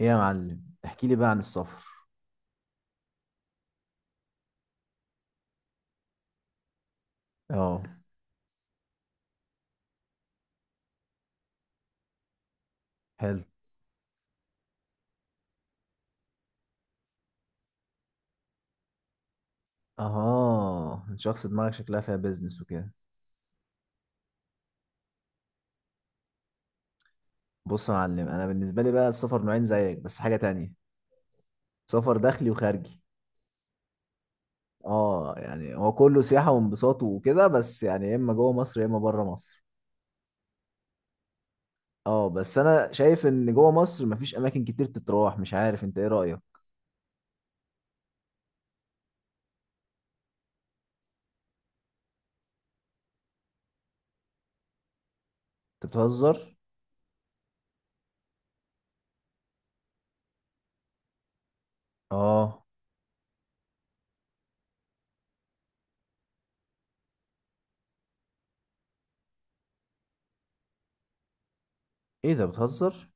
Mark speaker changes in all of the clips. Speaker 1: ايه يا معلم، احكي لي بقى عن السفر؟ اه. حلو. اها، شخص دماغك شكلها فيها بيزنس وكده. بص يا معلم، انا بالنسبه لي بقى السفر نوعين زيك بس حاجه تانية. سفر داخلي وخارجي. اه، يعني هو كله سياحه وانبساط وكده، بس يعني يا اما جوه مصر يا اما بره مصر. اه، بس انا شايف ان جوه مصر مفيش اماكن كتير تتراح، مش عارف انت ايه رايك؟ انت بتهزر. اه، ايه ده بتهزر؟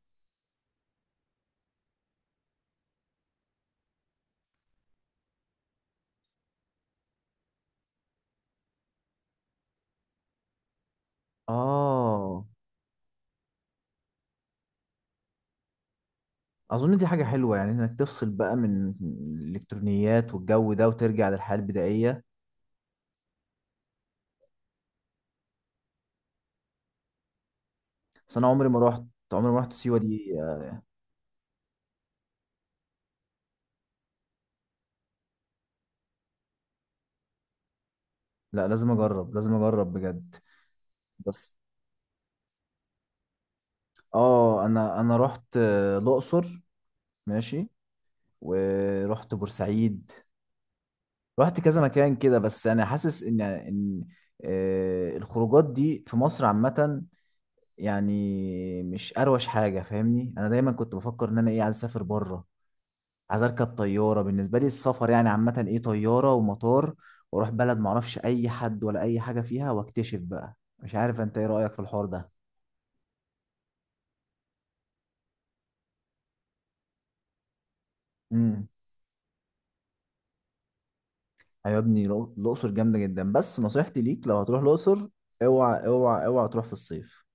Speaker 1: اه، اظن دي حاجة حلوة يعني انك تفصل بقى من الالكترونيات والجو ده وترجع للحياة البدائية. بس انا عمري ما رحت. عمري ما رحت سيوة دي لا، لازم اجرب لازم اجرب بجد. بس اه انا رحت الاقصر. ماشي. ورحت بورسعيد. رحت كذا مكان كده، بس انا حاسس ان الخروجات دي في مصر عامة، يعني مش اروش حاجة فاهمني. انا دايما كنت بفكر ان انا ايه عايز اسافر بره. عايز اركب طياره، بالنسبه لي السفر يعني عامه ايه طياره ومطار، واروح بلد ما اعرفش اي حد ولا اي حاجه فيها واكتشف بقى، مش عارف انت ايه رايك في الحوار ده؟ امم. يا ابني، الاقصر جامده جدا، بس نصيحتي ليك لو هتروح الاقصر اوعى اوعى اوعى تروح في الصيف.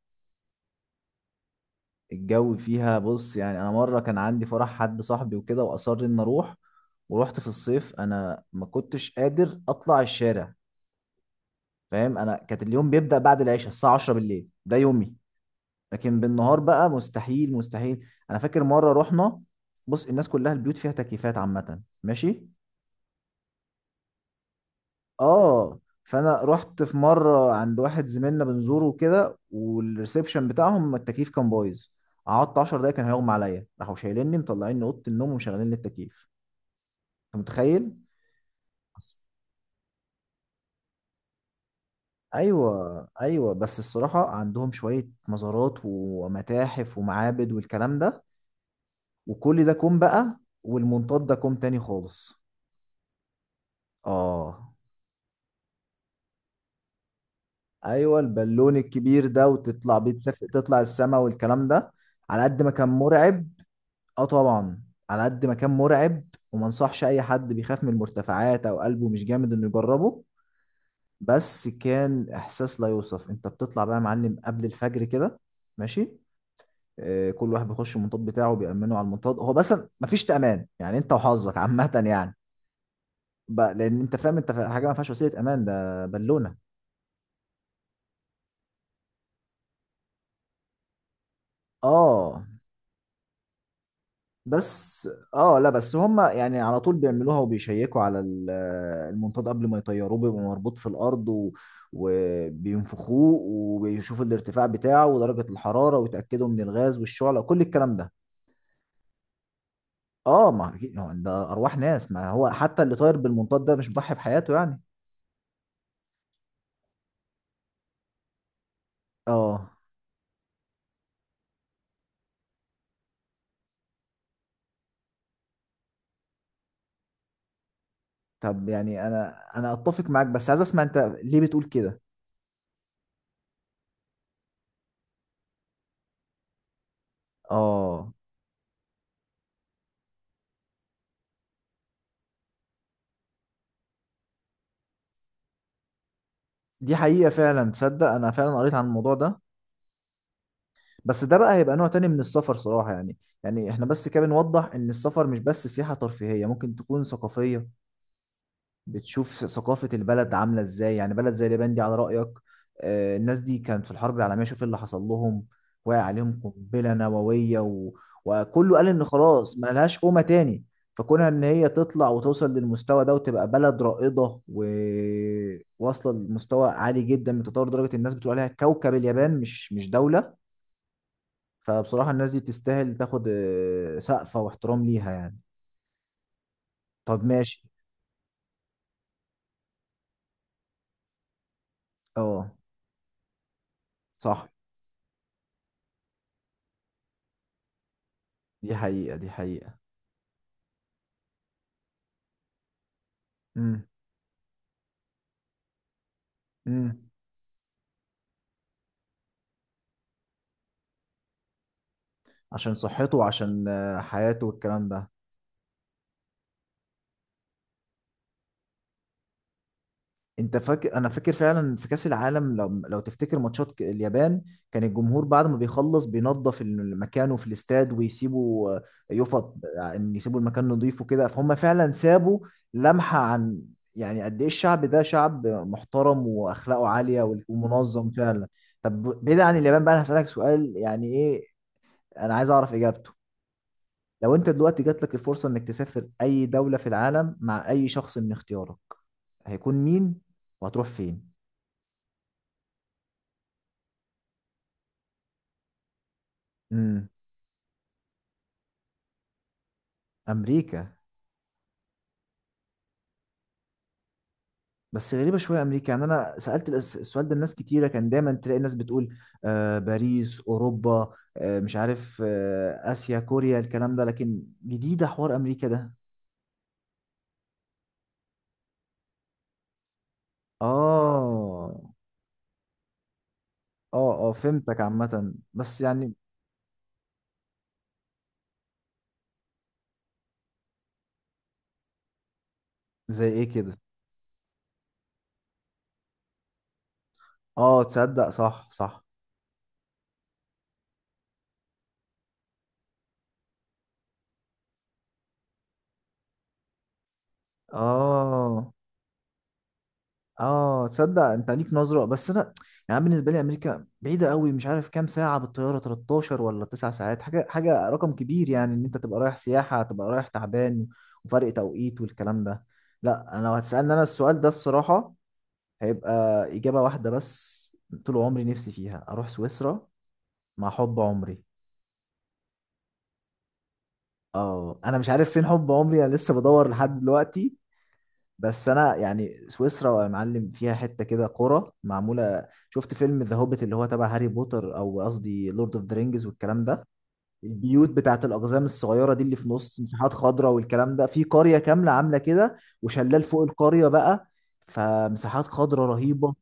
Speaker 1: الجو فيها، بص يعني، انا مره كان عندي فرح حد صاحبي وكده واصر ان اروح، ورحت في الصيف، انا ما كنتش قادر اطلع الشارع. فاهم، انا كانت اليوم بيبدا بعد العشاء الساعه 10 بالليل، ده يومي. لكن بالنهار بقى مستحيل مستحيل، انا فاكر مره رحنا. بص، الناس كلها البيوت فيها تكييفات عامه، ماشي. اه، فانا رحت في مره عند واحد زميلنا بنزوره كده، والريسبشن بتاعهم التكييف كان بايظ. قعدت 10 دقايق كان هيغمى عليا، راحوا شايليني مطلعيني اوضه النوم ومشغلين لي التكييف. انت متخيل؟ بس- ايوه، ايوه، بس الصراحه عندهم شويه مزارات ومتاحف ومعابد والكلام ده، وكل ده كوم بقى، والمنطاد ده كوم تاني خالص. اه. ايوه، البالون الكبير ده وتطلع بيه تسافر تطلع السما والكلام ده، على قد ما كان مرعب. اه، طبعا. على قد ما كان مرعب، وما انصحش اي حد بيخاف من المرتفعات او قلبه مش جامد انه يجربه. بس كان احساس لا يوصف، انت بتطلع بقى يا معلم قبل الفجر كده، ماشي. كل واحد بيخش المنطاد بتاعه بيأمنه على المنطاد هو بس، مفيش تأمان يعني، انت وحظك عامة يعني، بقى لان انت فاهم حاجة ما فيهاش وسيلة امان ده بالونة. اه، بس لا، بس هم يعني على طول بيعملوها وبيشيكوا على المنطاد قبل ما يطيروه، بيبقى مربوط في الارض وبينفخوه وبيشوفوا الارتفاع بتاعه ودرجة الحرارة ويتأكدوا من الغاز والشعلة وكل الكلام ده. اه، ما أكيد- هو ده ارواح ناس، ما هو حتى اللي طاير بالمنطاد ده مش بيضحي بحياته يعني. اه. طب يعني انا اتفق معاك، بس عايز اسمع انت ليه بتقول كده. اه، دي حقيقة فعلا، تصدق انا فعلا قريت عن الموضوع ده. بس ده بقى هيبقى نوع تاني من السفر صراحة يعني. يعني احنا بس كده بنوضح ان السفر مش بس سياحة ترفيهية، ممكن تكون ثقافية. بتشوف ثقافة البلد عاملة ازاي، يعني بلد زي اليابان دي على رأيك. الناس دي كانت في الحرب العالمية، شوف إيه اللي حصل لهم. وقع عليهم قنبلة نووية وكله قال ان خلاص ما لهاش قومة تاني. فكونها ان هي تطلع وتوصل للمستوى ده وتبقى بلد رائدة وواصلة لمستوى عالي جدا من تطور، درجة الناس بتقول عليها كوكب اليابان مش دولة. فبصراحة الناس دي تستاهل تاخد سقفة واحترام ليها يعني. طب، ماشي. اه، صح، دي حقيقة دي حقيقة. امم، امم. عشان صحته وعشان حياته والكلام ده. انت فاكر، انا فاكر فعلا في كاس العالم، لو تفتكر ماتشات اليابان، كان الجمهور بعد ما بيخلص بينظف مكانه في الاستاد ويسيبوا يفط ان يسيبوا المكان نظيف وكده، فهم فعلا سابوا لمحة عن، يعني قد ايه الشعب ده شعب محترم واخلاقه عالية ومنظم فعلا. طب بعيد عن اليابان بقى، انا هسألك سؤال يعني ايه، انا عايز اعرف اجابته. لو انت دلوقتي جات لك الفرصة انك تسافر اي دولة في العالم مع اي شخص من اختيارك، هيكون مين وهتروح فين؟ امم. امريكا؟ بس غريبه شويه امريكا، يعني انا سالت السؤال ده لناس كتيره، كان دايما تلاقي الناس بتقول باريس، اوروبا، مش عارف، اسيا، كوريا، الكلام ده، لكن جديده حوار امريكا ده. اه، اه، اه، فهمتك عامه بس يعني زي ايه كده؟ اه، تصدق، صح، صح. اه، اه، تصدق انت ليك نظره بس انا يعني، أنا بالنسبه لي امريكا بعيده قوي، مش عارف كام ساعه بالطياره، 13 ولا 9 ساعات، حاجه رقم كبير يعني، ان انت تبقى رايح سياحه تبقى رايح تعبان، وفرق توقيت والكلام ده. لا، انا لو هتسالني انا السؤال ده الصراحه هيبقى اجابه واحده بس، طول عمري نفسي فيها اروح سويسرا مع حب عمري. اه، انا مش عارف فين حب عمري، انا لسه بدور لحد دلوقتي. بس انا يعني، سويسرا يا معلم فيها حته كده قرى معموله، شفت فيلم ذا هوبيت اللي هو تبع هاري بوتر، او قصدي لورد اوف ذا رينجز والكلام ده. البيوت بتاعت الاقزام الصغيره دي اللي في نص مساحات خضراء والكلام ده، في قريه كامله عامله كده وشلال فوق القريه بقى، فمساحات خضراء رهيبه.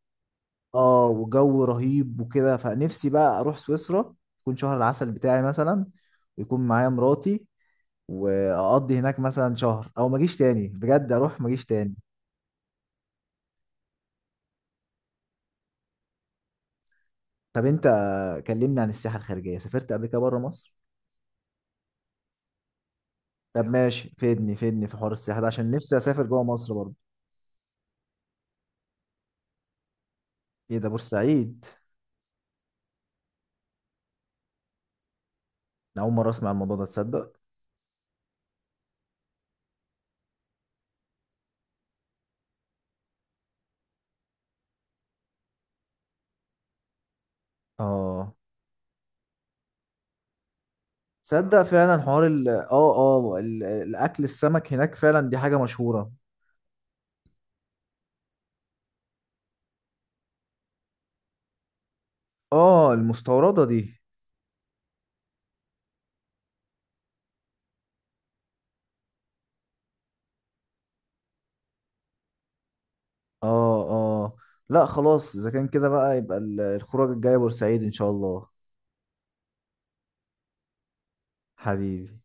Speaker 1: اه، وجو رهيب وكده، فنفسي بقى اروح سويسرا يكون شهر العسل بتاعي مثلا، ويكون معايا مراتي، واقضي هناك مثلا شهر او ما اجيش تاني بجد، اروح ما اجيش تاني. طب انت، كلمني عن السياحه الخارجيه، سافرت قبل كده بره مصر؟ طب ماشي، فيدني فيدني في حوار السياحه ده عشان نفسي اسافر جوه مصر برضه. ايه ده، بورسعيد؟ انا اول مره اسمع الموضوع ده، تصدق. اه، تصدق فعلا حوار ال اه اه ال- الاكل، السمك هناك فعلا دي حاجه مشهوره. اه، المستورده دي. اه، اه، لا خلاص، اذا كان كده بقى يبقى الخروج الجايه بورسعيد ان شاء الله. حبيبي.